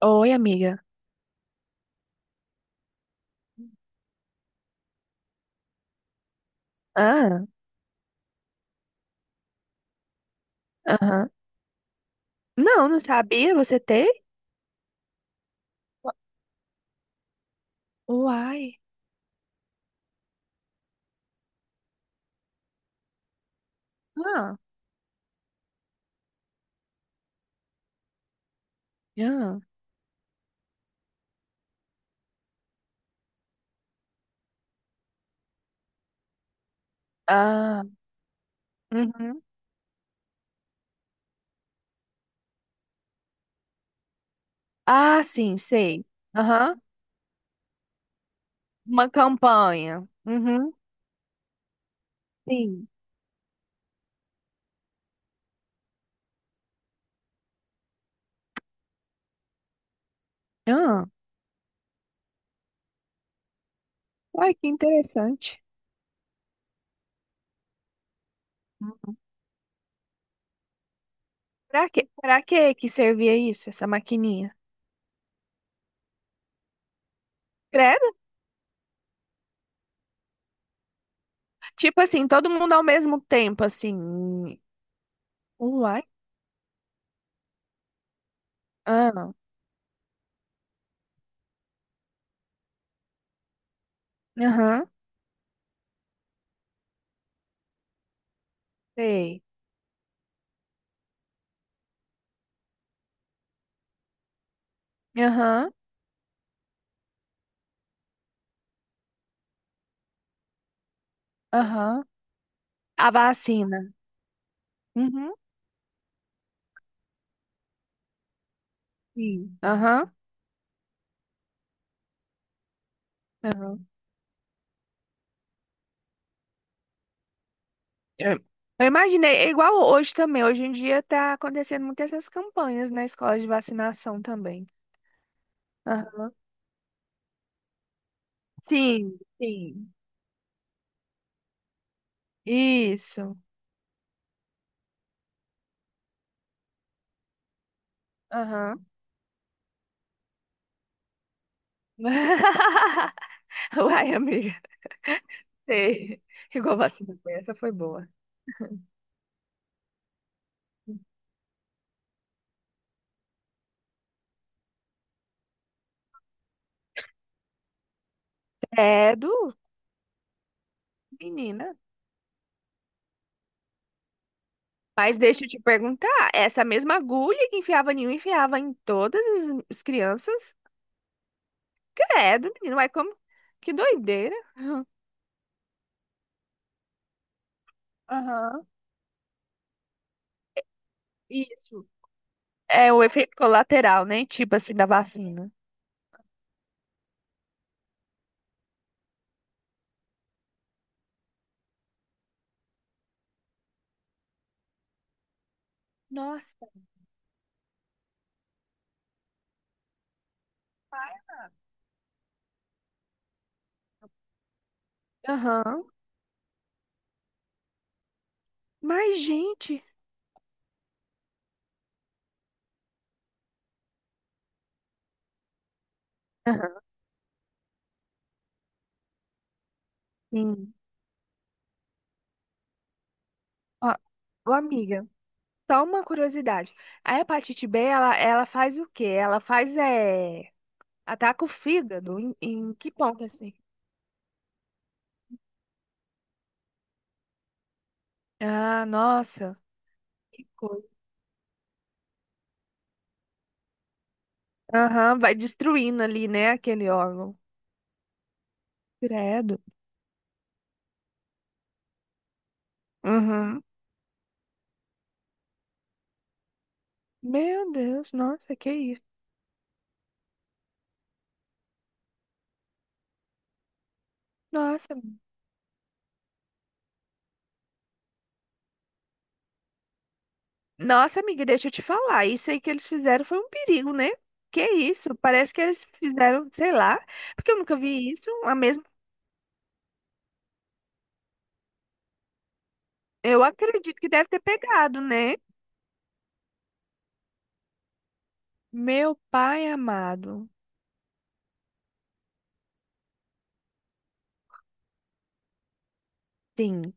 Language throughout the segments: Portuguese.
Oi, amiga. Ah, aham. Não, não sabia. Você tem? U- Uai. Ah, ah, ah, uhum. Ah, sim, sei. Aham. Uma campanha. Uhum. Sim. Ah, uai, que interessante. Uhum. Pra quê? Pra quê que servia isso, essa maquininha? Credo? Tipo assim, todo mundo ao mesmo tempo, assim. Uai. Ah, aham. Sei. Aham, aham. A vacina. Uhum. Sim. Aham. Aham. Eu eu imaginei, é igual hoje também. Hoje em dia tá acontecendo muitas essas campanhas na escola de vacinação também. Aham. Sim, sim. Isso. Aham. Uai, amiga. Sei. Igual vacina. Foi, essa foi boa. Credo, menina. Mas deixa eu te perguntar, essa mesma agulha que enfiava em um, enfiava em todas as crianças? Credo, menina. Uai, como? Que doideira. Aham. Isso. É o efeito colateral, né? Tipo assim, da vacina. Nossa, pai. Aham. Mas, gente, aham. Sim. Ó, ô, amiga, só uma curiosidade. A hepatite B, ela faz o quê? Ela faz, é, ataca o fígado. Em, em que ponto, assim? Ah, nossa. Que coisa. Aham, vai destruindo ali, né, aquele órgão. Credo. Uhum. Meu Deus, nossa, que isso. Nossa, nossa, amiga, deixa eu te falar. Isso aí que eles fizeram foi um perigo, né? Que isso? Parece que eles fizeram, sei lá, porque eu nunca vi isso. A mesma, eu acredito que deve ter pegado, né? Meu pai amado. Sim.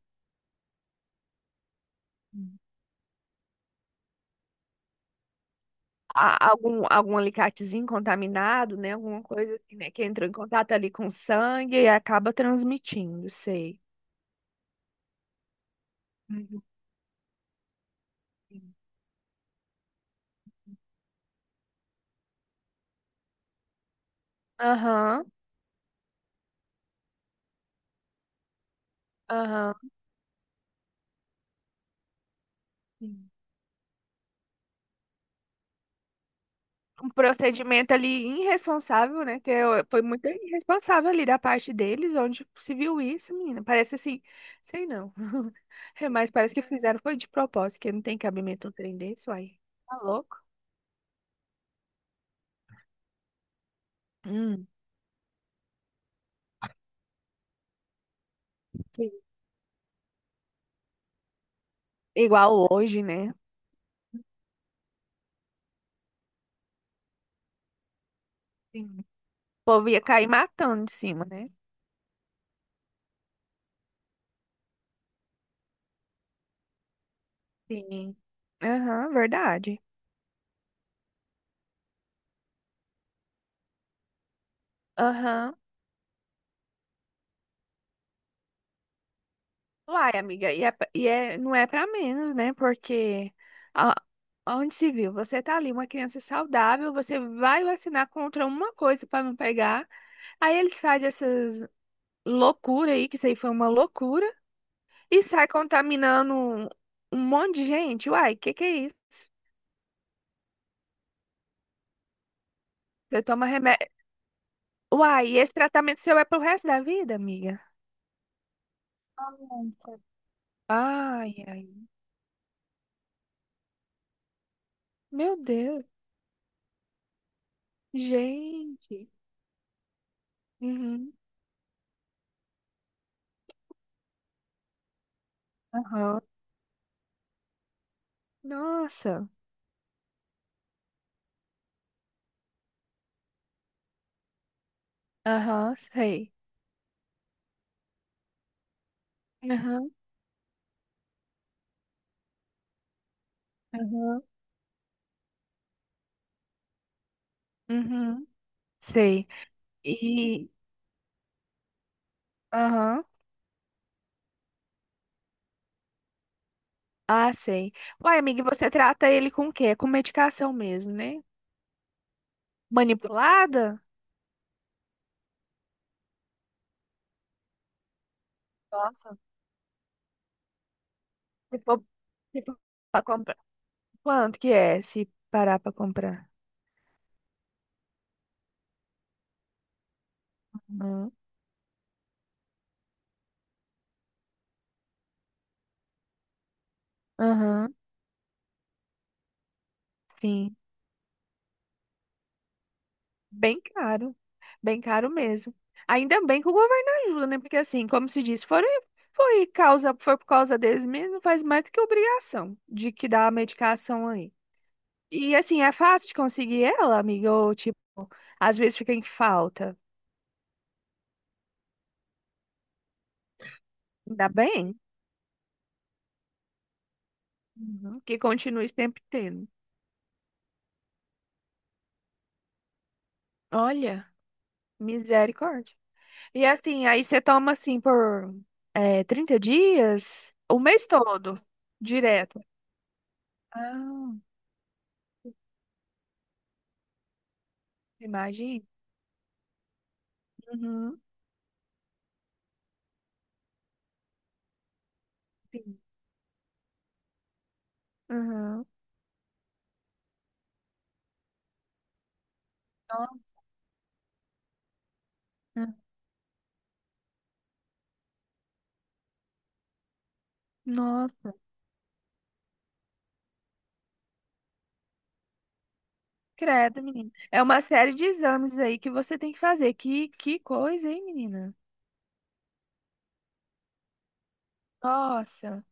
A- algum, algum alicatezinho contaminado, né? Alguma coisa assim, né? Que entrou em contato ali com o sangue e acaba transmitindo, sei. Uhum. Aham, aham. Um procedimento ali irresponsável, né? Que eu- foi muito irresponsável ali da parte deles, onde se viu isso, menina. Parece assim, sei não. É, mas parece que fizeram foi de propósito, que não tem cabimento um trem desse, uai. Tá louco? Hum, sim. Igual hoje, né? Sim. O povo ia cair matando de cima, né? Sim. Aham, verdade. Aham. Uai, amiga, e, é, pra- e é, não é pra menos, né? Porque onde se viu? Você tá ali, uma criança saudável, você vai vacinar contra uma coisa para não pegar. Aí eles fazem essas loucuras aí, que isso aí foi uma loucura, e sai contaminando um um monte de gente. Uai, que é isso? Você toma remédio. Uai, e esse tratamento seu é pro resto da vida, amiga? Nossa. Ai, ai. Meu Deus. Gente. Uhum. Aham. Nossa. Aham, sei. Aham. Aham. Uhum. Sei. E aham. Ah, sei. Uai, amiga, e você trata ele com o quê? Com medicação mesmo, né? Manipulada? Nossa, se for, se for pra comprar. Quanto que é se parar pra comprar? Aham, aham, sim. Bem caro. Bem caro mesmo. Ainda bem que o governo ajuda, né? Porque assim, como se diz, foram, foi causa, foi por causa deles mesmo, faz mais do que obrigação de que dá a medicação aí. E assim, é fácil de conseguir ela, amiga? Ou tipo, às vezes fica em falta? Ainda bem. Uhum. Que continue sempre tendo. Olha, misericórdia. E assim, aí você toma assim por 30 dias, o mês todo, direto. Ah, imagina. Uhum. Sim. Uhum. Nossa. Nossa. Credo, menina. É uma série de exames aí que você tem que fazer. Que coisa, hein, menina? Nossa.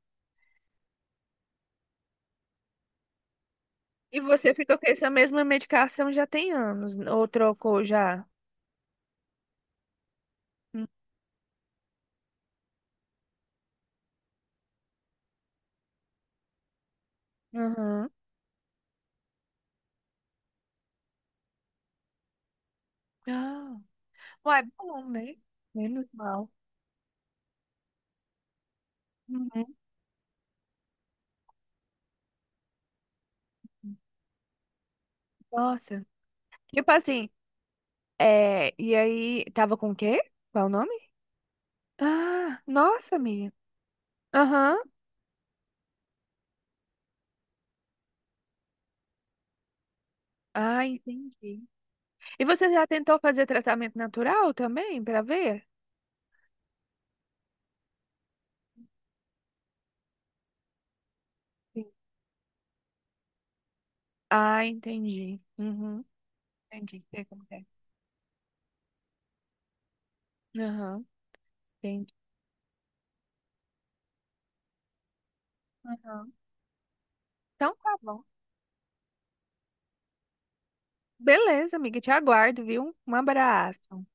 E você fica com essa mesma medicação já tem anos, ou trocou já? Hum. Uhum. Ah. Ué, bom, né? Menos mal. Uhum. Nossa. Tipo assim, é... e aí, tava com o quê? Qual o nome? Ah, nossa, amiga. Aham. Ah, entendi. E você já tentou fazer tratamento natural também, pra ver? Sim. Ah, entendi. Uhum. Entendi, sei como que é. Aham, entendi. Aham. Então tá bom. Beleza, amiga, te aguardo, viu? Um abraço.